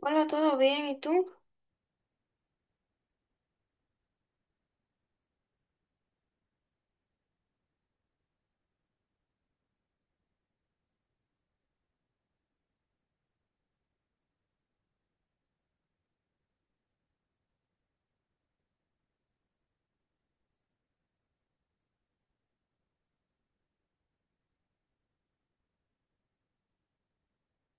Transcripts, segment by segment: Hola, ¿todo bien? ¿Y tú?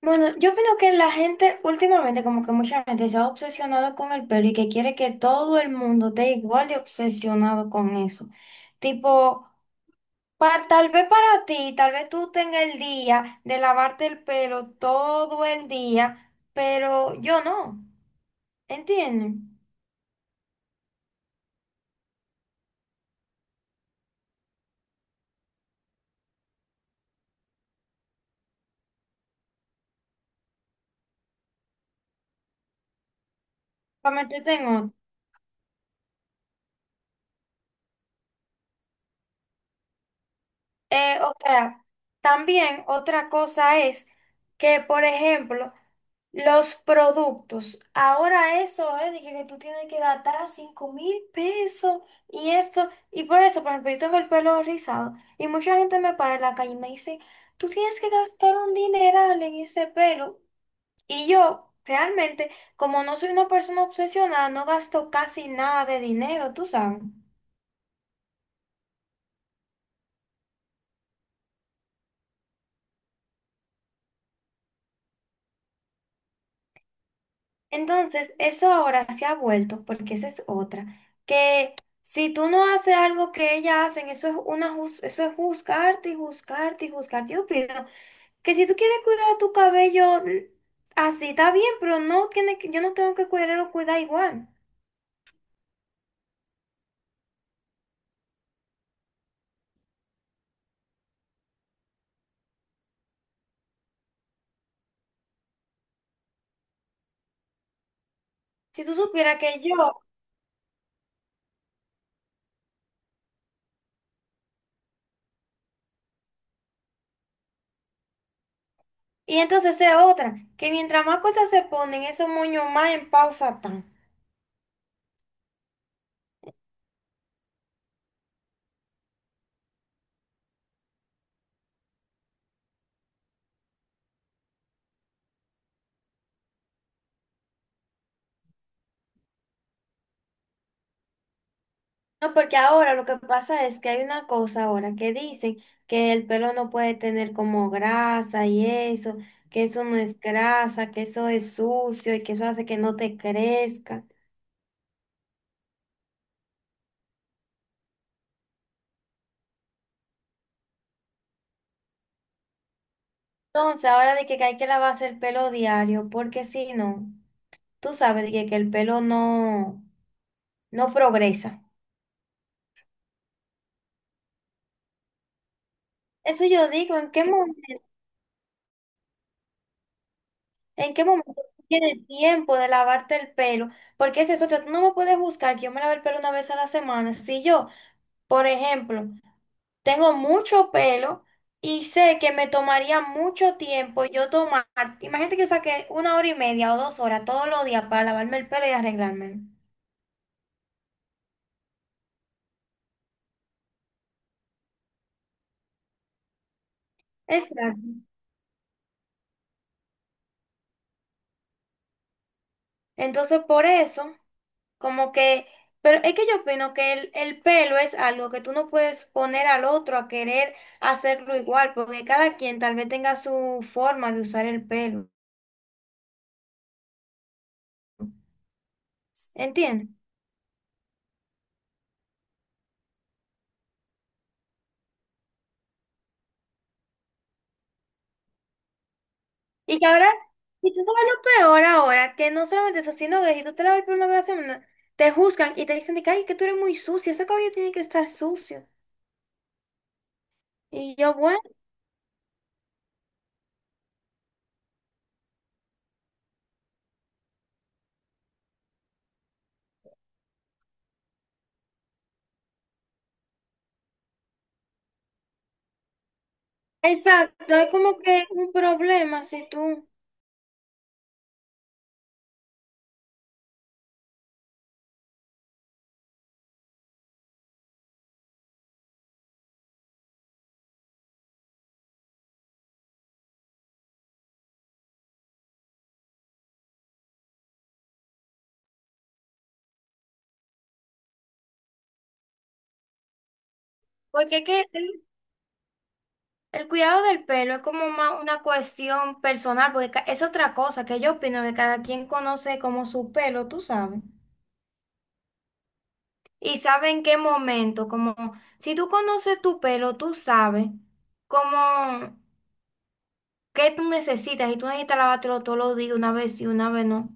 Bueno, yo opino que la gente últimamente, como que mucha gente se ha obsesionado con el pelo y que quiere que todo el mundo esté igual de obsesionado con eso. Tipo, tal vez para ti, tal vez tú tengas el día de lavarte el pelo todo el día, pero yo no, ¿entiendes? Para meterte en otro. O sea, también otra cosa es que, por ejemplo, los productos. Ahora eso es de que tú tienes que gastar 5000 pesos y esto. Y por eso, por ejemplo, yo tengo el pelo rizado y mucha gente me para en la calle y me dice, tú tienes que gastar un dineral en ese pelo. Y yo, realmente, como no soy una persona obsesionada, no gasto casi nada de dinero, tú sabes. Entonces, eso ahora se ha vuelto, porque esa es otra, que si tú no haces algo que ellas hacen, eso es una eso es juzgarte y juzgarte y juzgarte. Yo opino que si tú quieres cuidar tu cabello así, está bien, pero no tiene que, yo no tengo que cuidarlo, cuidar igual. Si tú supieras que yo, y entonces es otra, que mientras más cosas se ponen, esos moños más en pausa están. No, porque ahora lo que pasa es que hay una cosa ahora que dicen que el pelo no puede tener como grasa y eso, que eso no es grasa, que eso es sucio y que eso hace que no te crezca. Entonces, ahora de que hay que lavarse el pelo diario, porque si no, tú sabes de que el pelo no, no progresa. Eso yo digo, ¿en qué momento tú tienes tiempo de lavarte el pelo? Porque ese es otro, tú no me puedes buscar que yo me lave el pelo una vez a la semana. Si yo, por ejemplo, tengo mucho pelo y sé que me tomaría mucho tiempo yo tomar. Imagínate que yo saqué una hora y media o 2 horas todos los días para lavarme el pelo y arreglármelo. Exacto. Entonces, por eso, como que, pero es que yo opino que el pelo es algo que tú no puedes poner al otro a querer hacerlo igual, porque cada quien tal vez tenga su forma de usar el pelo. ¿Entiendes? Y que ahora, y tú sabes lo peor ahora, que no solamente eso, sino que si tú te lavas el pelo una vez a la semana, te juzgan y te dicen de que, ay, que tú eres muy sucia, ese cabello tiene que estar sucio. Y yo, bueno, exacto, es como que un problema si tú, porque es que el cuidado del pelo es como más una cuestión personal, porque es otra cosa que yo opino que cada quien conoce como su pelo, tú sabes, y sabe en qué momento, como si tú conoces tu pelo, tú sabes cómo. ¿Qué tú necesitas? Y tú necesitas lavártelo todos los días, una vez y una vez no.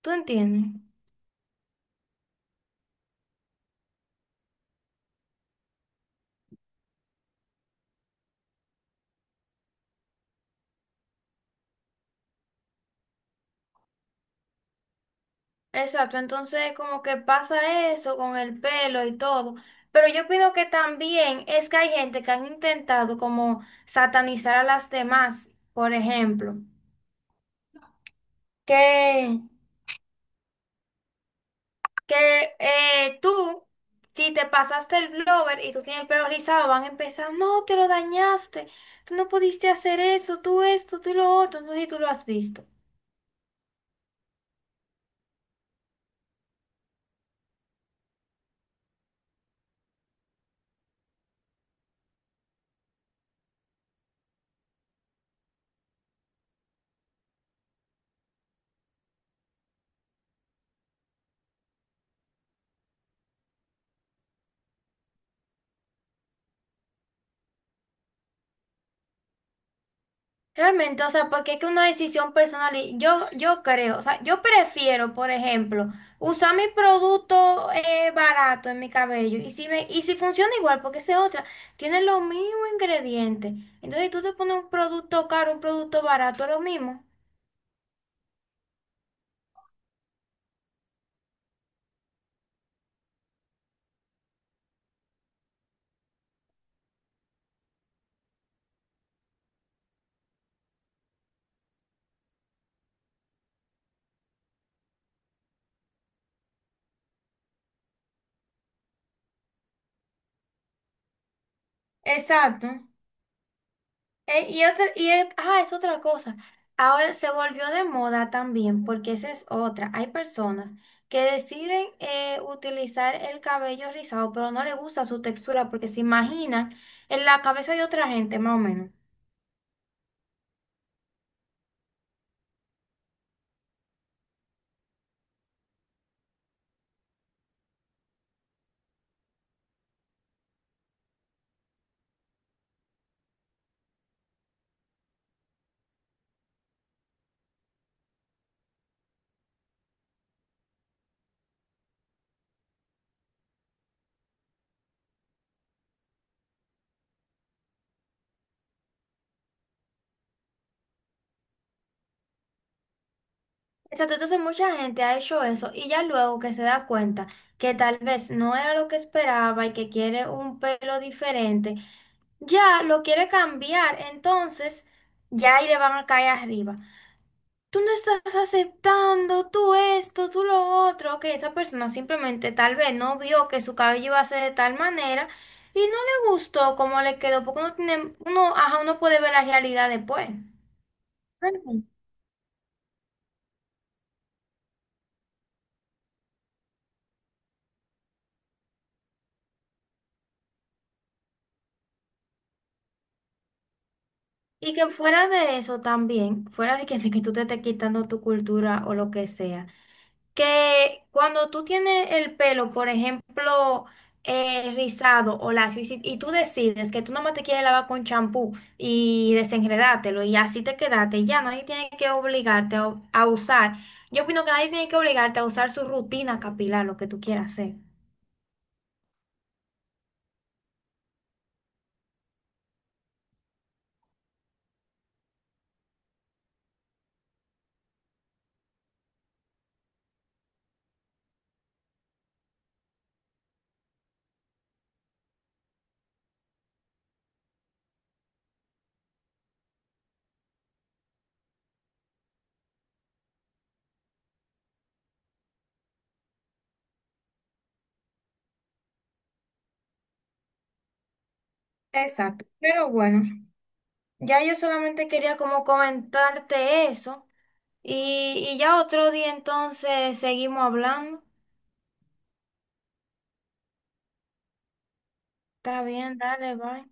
¿Tú entiendes? Exacto, entonces como que pasa eso con el pelo y todo. Pero yo opino que también es que hay gente que han intentado como satanizar a las demás, por ejemplo, que, que tú, si te pasaste el blower y tú tienes el pelo rizado, van a empezar, no, te lo dañaste, tú no pudiste hacer eso, tú esto, tú lo otro, no sé si tú lo has visto. Realmente, o sea, porque es que una decisión personal, y yo creo, o sea, yo prefiero, por ejemplo, usar mi producto barato en mi cabello y si funciona igual, porque esa es otra, tiene los mismos ingredientes. Entonces, si tú te pones un producto caro, un producto barato, es lo mismo. Exacto. Y otra, y es, ah, es otra cosa. Ahora se volvió de moda también, porque esa es otra. Hay personas que deciden utilizar el cabello rizado, pero no les gusta su textura porque se imaginan en la cabeza de otra gente, más o menos. Exacto, entonces mucha gente ha hecho eso y ya luego que se da cuenta que tal vez no era lo que esperaba y que quiere un pelo diferente, ya lo quiere cambiar, entonces ya ahí le van a caer arriba. Tú no estás aceptando, tú esto, tú lo otro, que esa persona simplemente tal vez no vio que su cabello iba a ser de tal manera y no le gustó cómo le quedó, porque uno tiene, uno, ajá, uno puede ver la realidad después. Ujú. Y que fuera de eso también, fuera de que tú te estés quitando tu cultura o lo que sea. Que cuando tú tienes el pelo, por ejemplo, rizado o lacio, y, y tú decides que tú nomás te quieres lavar con champú y desenredártelo y así te quedaste, ya nadie tiene que obligarte a usar. Yo opino que nadie tiene que obligarte a usar su rutina capilar, lo que tú quieras hacer. Exacto, pero bueno, ya yo solamente quería como comentarte eso y ya otro día entonces seguimos hablando. Está bien, dale, bye.